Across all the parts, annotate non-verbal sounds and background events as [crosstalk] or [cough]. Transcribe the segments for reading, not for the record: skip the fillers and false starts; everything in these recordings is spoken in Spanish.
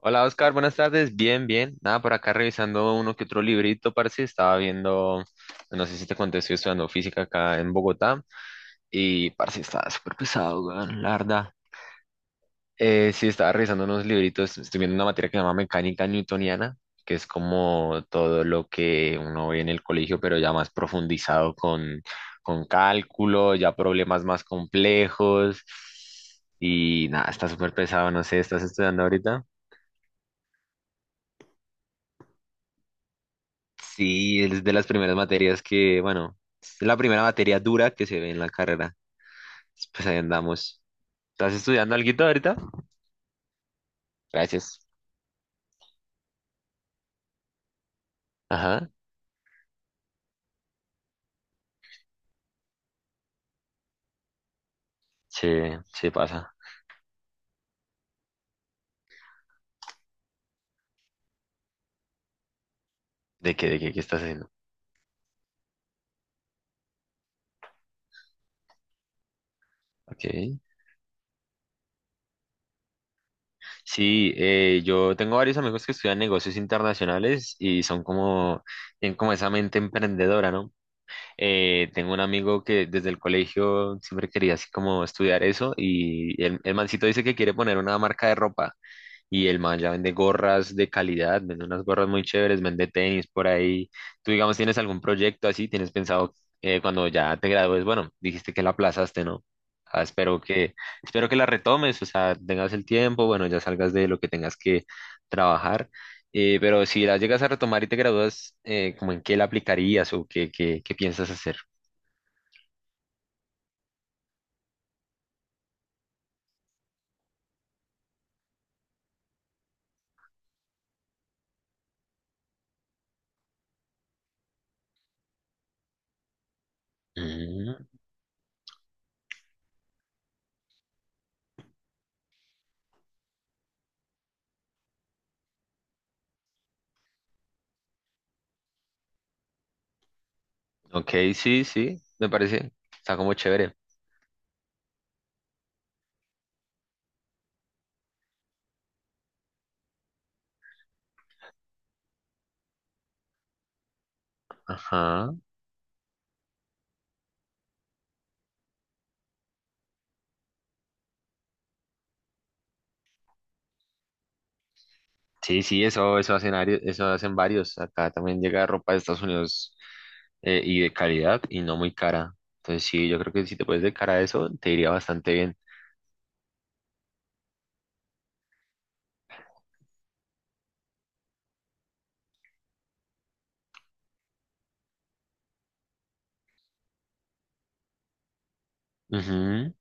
Hola Oscar, buenas tardes. Bien, bien. Nada, por acá revisando uno que otro librito, parce. Estaba viendo, no sé si te conté, estoy estudiando física acá en Bogotá y parce, estaba súper pesado, weón, la verdad. Sí, estaba revisando unos libritos. Estoy viendo una materia que se llama mecánica newtoniana, que es como todo lo que uno ve en el colegio, pero ya más profundizado con cálculo, ya problemas más complejos. Y nada, está súper pesado, no sé, ¿estás estudiando ahorita? Sí, es de las primeras materias que, bueno, es la primera materia dura que se ve en la carrera. Pues ahí andamos. ¿Estás estudiando alguito ahorita? Gracias. Ajá. Se pasa. De qué, qué estás haciendo? Ok. Sí, yo tengo varios amigos que estudian negocios internacionales y son como, tienen como esa mente emprendedora, ¿no? Tengo un amigo que desde el colegio siempre quería así como estudiar eso y el mancito dice que quiere poner una marca de ropa. Y el man ya vende gorras de calidad, vende unas gorras muy chéveres, vende tenis por ahí. ¿Tú, digamos, tienes algún proyecto así? ¿Tienes pensado cuando ya te gradúes? Bueno, dijiste que la aplazaste, ¿no? Ah, espero que, espero que la retomes, o sea, tengas el tiempo, bueno, ya salgas de lo que tengas que trabajar. Pero si la llegas a retomar y te gradúas, ¿cómo en qué la aplicarías o qué piensas hacer? Mm, ok, sí, sí, me parece. Está como chévere. Ajá. Sí, sí, eso hacen, eso hacen varios. Acá también llega ropa de Estados Unidos y de calidad y no muy cara. Entonces sí, yo creo que si te puedes dedicar a eso, te iría bastante bien. Ujú.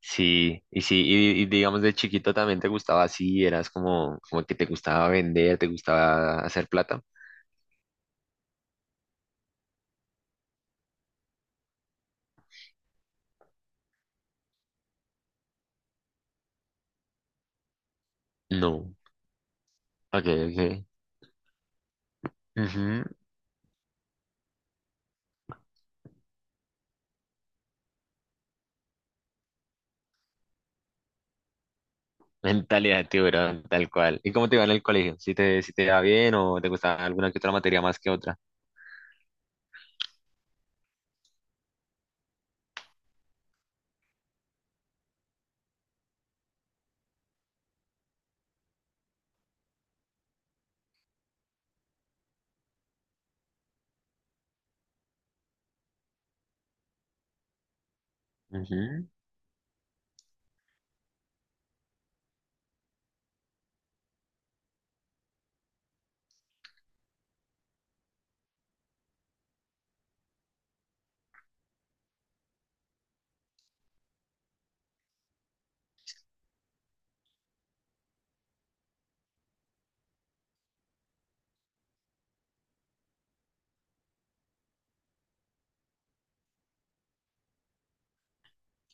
Sí, y digamos de chiquito también te gustaba así, eras como, como que te gustaba vender, te gustaba hacer plata. No, ok, ok. Ujú. Mentalidad de tiburón, tal cual. ¿Y cómo te iba en el colegio? ¿Si si te iba bien o te gustaba alguna que otra materia más que otra? Ujú.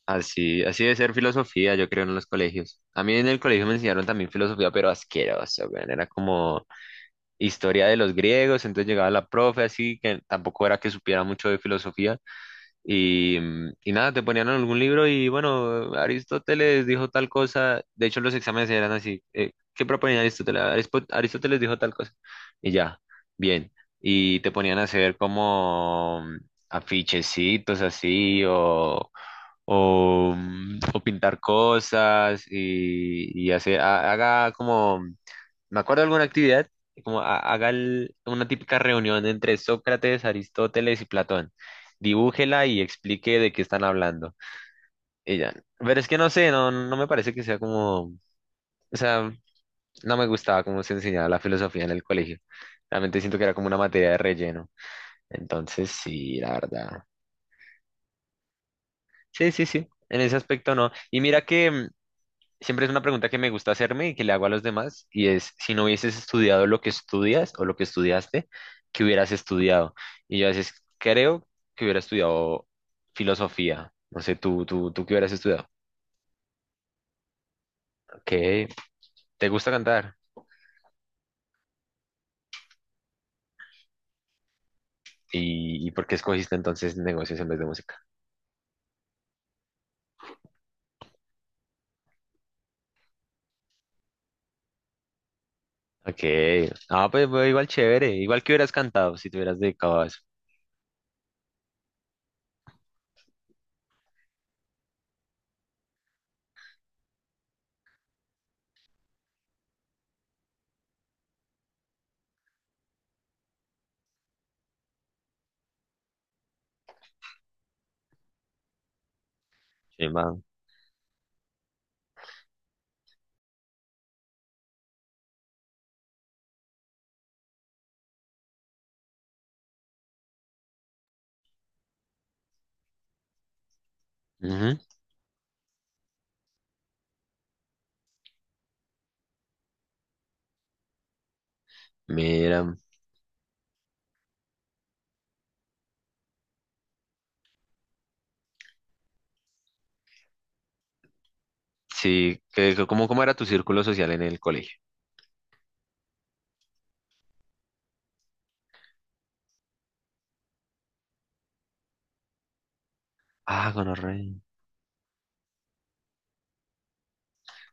Así, así debe ser filosofía, yo creo, en los colegios. A mí en el colegio me enseñaron también filosofía, pero asqueroso, weón. Era como historia de los griegos, entonces llegaba la profe así, que tampoco era que supiera mucho de filosofía. Y nada, te ponían en algún libro y bueno, Aristóteles dijo tal cosa. De hecho, los exámenes eran así. ¿Qué proponía Aristóteles? Aristóteles dijo tal cosa. Y ya, bien. Y te ponían a hacer como afichecitos así o o pintar cosas y hacer, haga como, me acuerdo de alguna actividad, como haga una típica reunión entre Sócrates, Aristóteles y Platón. Dibújela y explique de qué están hablando. Ella, pero es que no sé, no, no me parece que sea como, o sea, no me gustaba cómo se enseñaba la filosofía en el colegio. Realmente siento que era como una materia de relleno. Entonces, sí, la verdad. Sí, sí, sí. En ese aspecto no. Y siempre es una pregunta que me gusta hacerme y que le hago a los demás, y es, si no hubieses estudiado lo que estudias o lo que estudiaste, ¿qué hubieras estudiado? Y yo a veces creo que hubiera estudiado filosofía. No sé, tú qué hubieras estudiado. ¿Qué? ¿Te gusta cantar? ¿Y por qué escogiste entonces negocios en vez de música? Ok. Pues, igual chévere. Igual que hubieras cantado si te hubieras dedicado a eso. Chimba. Ujú. Mira. Sí, cómo era tu círculo social en el colegio? Ah, gonorrea.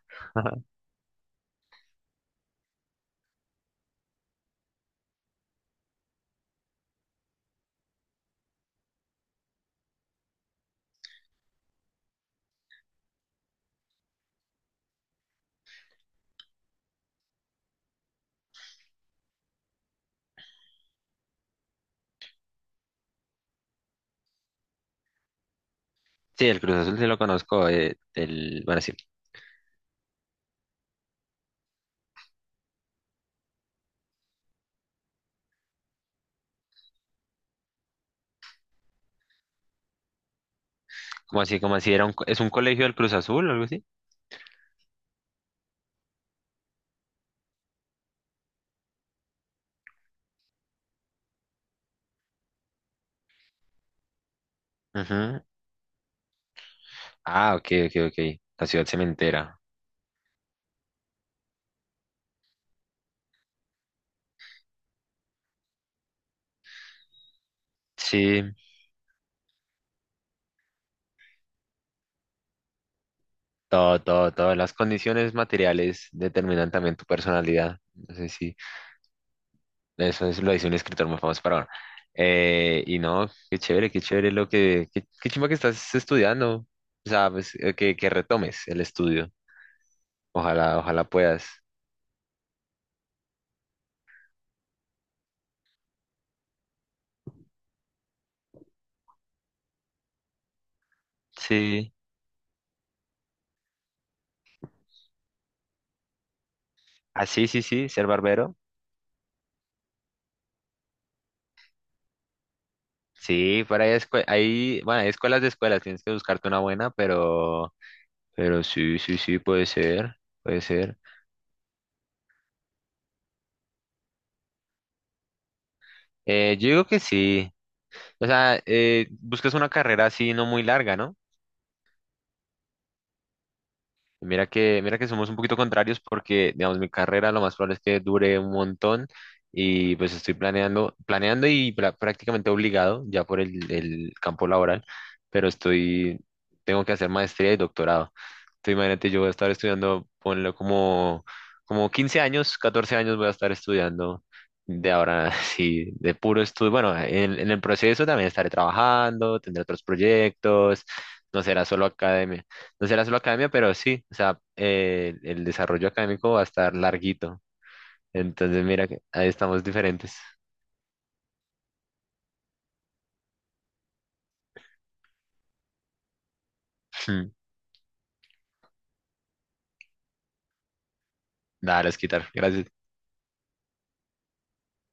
[laughs] Sí, el Cruz Azul sí lo conozco. Sí. ¿Cómo así? ¿Cómo así? ¿Es un colegio del Cruz Azul o algo así? Ujú. Ah, ok, ok, ok. La ciudad cementera. Sí, todas las condiciones materiales determinan también tu personalidad. No sé si eso es, lo dice un escritor muy famoso para ahora. Y no, qué chévere, qué chévere qué chimba que estás estudiando. O sea, pues, que retomes el estudio. Ojalá puedas. Sí. Ah, sí, sí, sí, ser barbero. Sí, por ahí hay, bueno, hay escuelas de escuelas, tienes que buscarte una buena, pero sí, sí, sí, puede ser. Yo digo que sí. O sea, buscas una carrera así no muy larga, ¿no? Y mira que, somos un poquito contrarios porque, digamos, mi carrera lo más probable es que dure un montón y pues estoy planeando, prácticamente obligado ya por el campo laboral, pero estoy, tengo que hacer maestría y doctorado. Entonces, imagínate, yo voy a estar estudiando, ponle como 15 años, 14 años voy a estar estudiando de ahora, [laughs] sí, de puro estudio. Bueno, en el proceso también estaré trabajando, tendré otros proyectos, no será solo academia no será solo academia, pero sí, o sea, el desarrollo académico va a estar larguito. Entonces, mira, que ahí estamos diferentes. [laughs] Nada, los quitar. Gracias.